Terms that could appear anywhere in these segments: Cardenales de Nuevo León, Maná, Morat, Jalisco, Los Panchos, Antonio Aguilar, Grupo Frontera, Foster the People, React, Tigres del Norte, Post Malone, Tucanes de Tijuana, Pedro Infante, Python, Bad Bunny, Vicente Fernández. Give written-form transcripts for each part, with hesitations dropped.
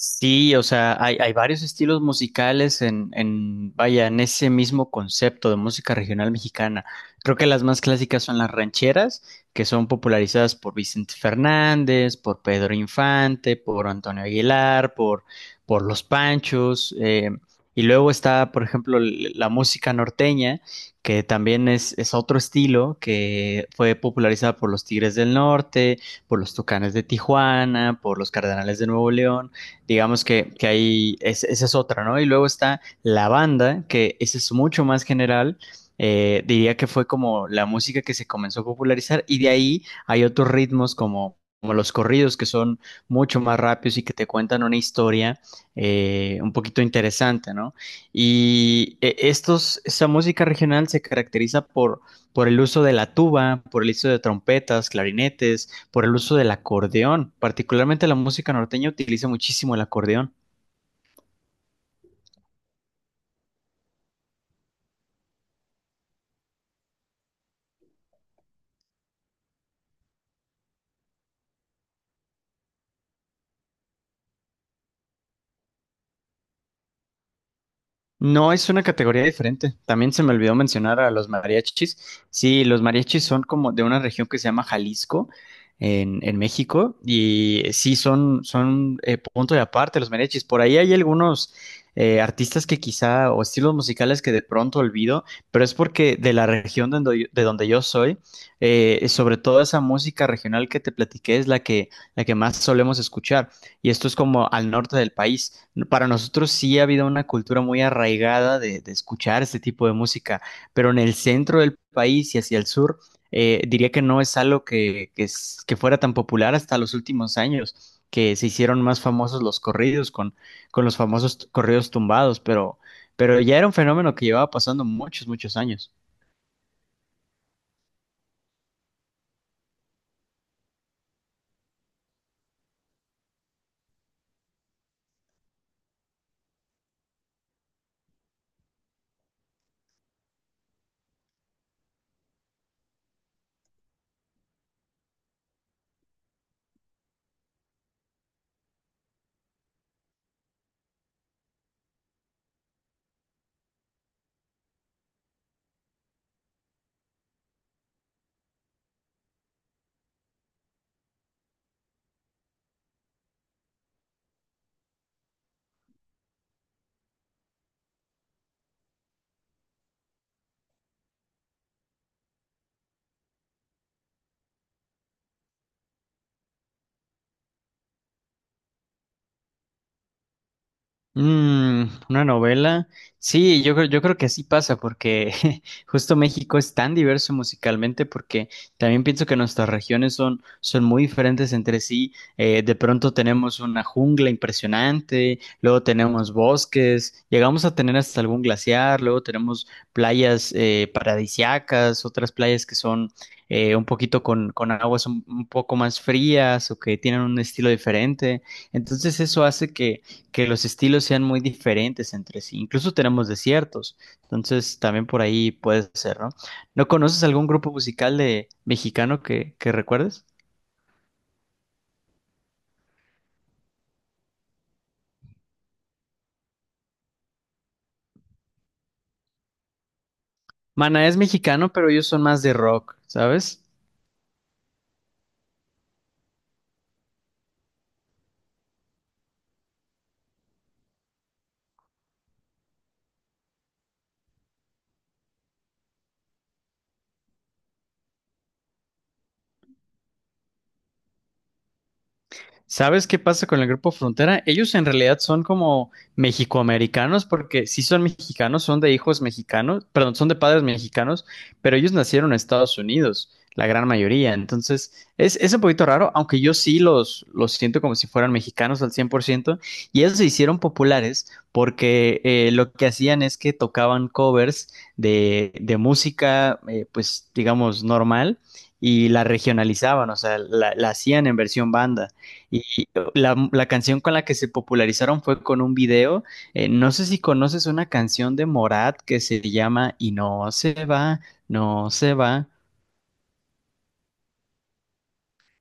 Sí, o sea, hay varios estilos musicales en en ese mismo concepto de música regional mexicana. Creo que las más clásicas son las rancheras, que son popularizadas por Vicente Fernández, por Pedro Infante, por Antonio Aguilar, por Los Panchos. Y luego está, por ejemplo, la música norteña, que también es otro estilo que fue popularizada por los Tigres del Norte, por los Tucanes de Tijuana, por los Cardenales de Nuevo León. Digamos que ahí es, esa es otra, ¿no? Y luego está la banda, que esa es mucho más general. Diría que fue como la música que se comenzó a popularizar, y de ahí hay otros ritmos como los corridos, que son mucho más rápidos y que te cuentan una historia un poquito interesante, ¿no? Y esta música regional se caracteriza por el uso de la tuba, por el uso de trompetas, clarinetes, por el uso del acordeón. Particularmente la música norteña utiliza muchísimo el acordeón. No, es una categoría diferente. También se me olvidó mencionar a los mariachis. Sí, los mariachis son como de una región que se llama Jalisco, en México, y sí son punto de aparte los mariachis. Por ahí hay algunos artistas que quizá, o estilos musicales que de pronto olvido, pero es porque de la región de de donde yo soy, sobre todo esa música regional que te platiqué es la que más solemos escuchar, y esto es como al norte del país. Para nosotros sí ha habido una cultura muy arraigada de escuchar este tipo de música, pero en el centro del país y hacia el sur, diría que no es algo que fuera tan popular hasta los últimos años, que se hicieron más famosos los corridos con los famosos corridos tumbados, pero ya era un fenómeno que llevaba pasando muchos, muchos años. Mm, una novela. Sí, yo creo que así pasa porque justo México es tan diverso musicalmente, porque también pienso que nuestras regiones son muy diferentes entre sí. De pronto tenemos una jungla impresionante, luego tenemos bosques, llegamos a tener hasta algún glaciar, luego tenemos playas paradisiacas, otras playas que son un poquito con aguas un poco más frías o que tienen un estilo diferente. Entonces eso hace que los estilos sean muy diferentes entre sí. Incluso tenemos desiertos, entonces también por ahí puede ser, ¿no? ¿No conoces algún grupo musical de mexicano que recuerdes? Maná es mexicano, pero ellos son más de rock, ¿sabes? ¿Sabes qué pasa con el Grupo Frontera? Ellos en realidad son como mexicoamericanos, porque sí son mexicanos, son de hijos mexicanos, perdón, son de padres mexicanos, pero ellos nacieron en Estados Unidos, la gran mayoría. Entonces, es un poquito raro, aunque yo sí los siento como si fueran mexicanos al 100%. Y ellos se hicieron populares porque lo que hacían es que tocaban covers de música, pues digamos, normal, y la regionalizaban, o sea, la hacían en versión banda. Y la canción con la que se popularizaron fue con un video. No sé si conoces una canción de Morat que se llama Y no se va, no se va.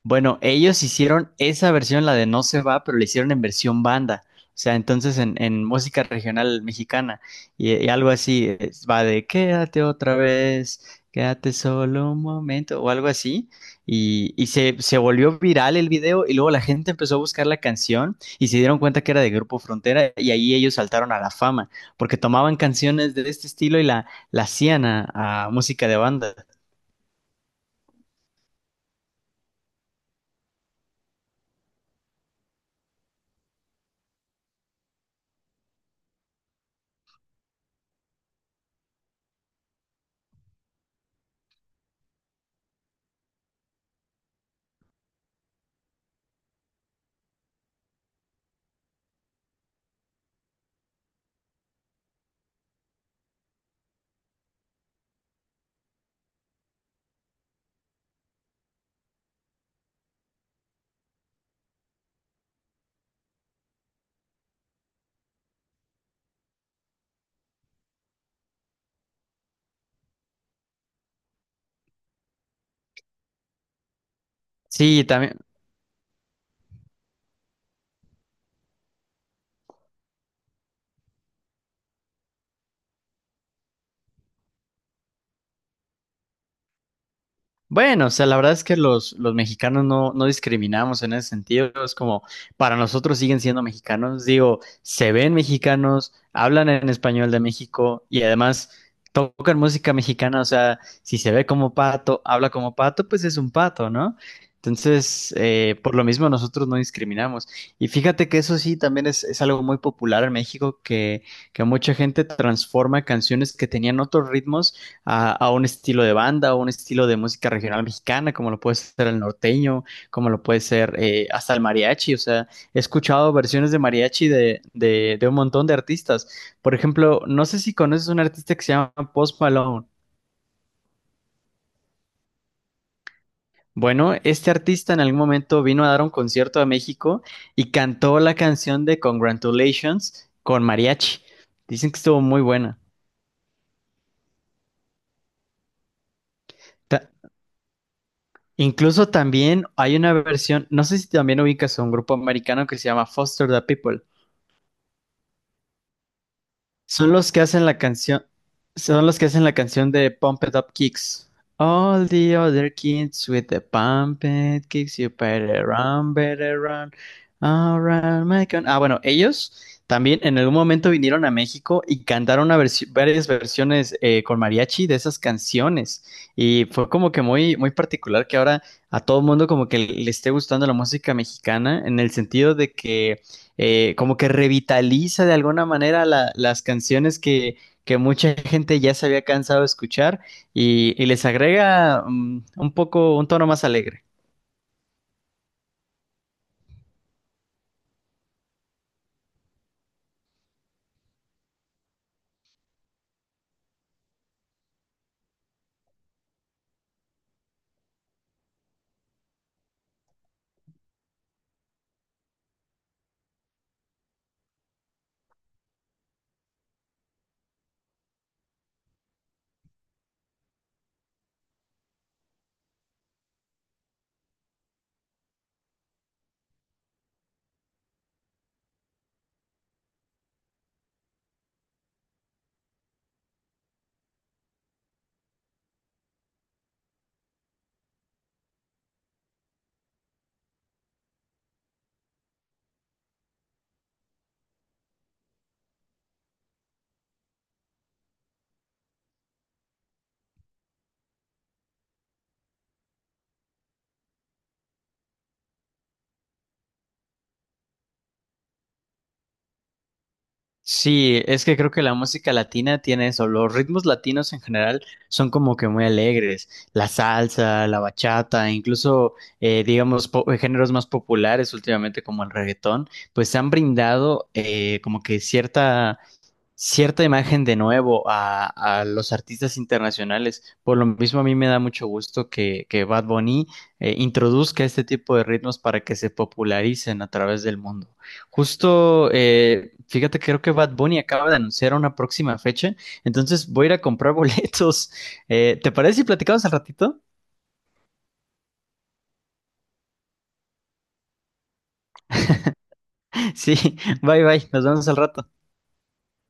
Bueno, ellos hicieron esa versión, la de No se va, pero la hicieron en versión banda. O sea, entonces en música regional mexicana, y algo así, va de quédate otra vez, quédate solo un momento o algo así. Y se volvió viral el video, y luego la gente empezó a buscar la canción y se dieron cuenta que era de Grupo Frontera, y ahí ellos saltaron a la fama porque tomaban canciones de este estilo y la hacían a música de banda. Sí, también. Bueno, o sea, la verdad es que los mexicanos no discriminamos en ese sentido. Es como, para nosotros siguen siendo mexicanos. Digo, se ven mexicanos, hablan en español de México y además tocan música mexicana. O sea, si se ve como pato, habla como pato, pues es un pato, ¿no? Entonces, por lo mismo nosotros no discriminamos. Y fíjate que eso sí también es algo muy popular en México, que mucha gente transforma canciones que tenían otros ritmos a un estilo de banda o un estilo de música regional mexicana, como lo puede ser el norteño, como lo puede ser hasta el mariachi. O sea, he escuchado versiones de mariachi de un montón de artistas. Por ejemplo, no sé si conoces un artista que se llama Post Malone. Bueno, este artista en algún momento vino a dar un concierto a México y cantó la canción de Congratulations con mariachi. Dicen que estuvo muy buena. Ta- Incluso también hay una versión, no sé si también ubicas a un grupo americano que se llama Foster the People. Son los que hacen la canción, Son los que hacen la canción de Pump It Up Kicks. All the other kids with the pump it kicks, you better run, around my Ah, bueno, ellos también en algún momento vinieron a México y cantaron una varias versiones con mariachi de esas canciones. Y fue como que muy, muy particular que ahora a todo el mundo como que le esté gustando la música mexicana, en el sentido de que como que revitaliza de alguna manera las canciones que mucha gente ya se había cansado de escuchar, y les agrega un poco un tono más alegre. Sí, es que creo que la música latina tiene eso, los ritmos latinos en general son como que muy alegres, la salsa, la bachata, incluso digamos géneros más populares últimamente como el reggaetón, pues se han brindado como que cierta cierta imagen de nuevo a los artistas internacionales. Por lo mismo, a mí me da mucho gusto que Bad Bunny introduzca este tipo de ritmos para que se popularicen a través del mundo. Justo, fíjate, creo que Bad Bunny acaba de anunciar una próxima fecha, entonces voy a ir a comprar boletos. ¿Te parece si platicamos al ratito? Sí, bye bye, nos vemos al rato.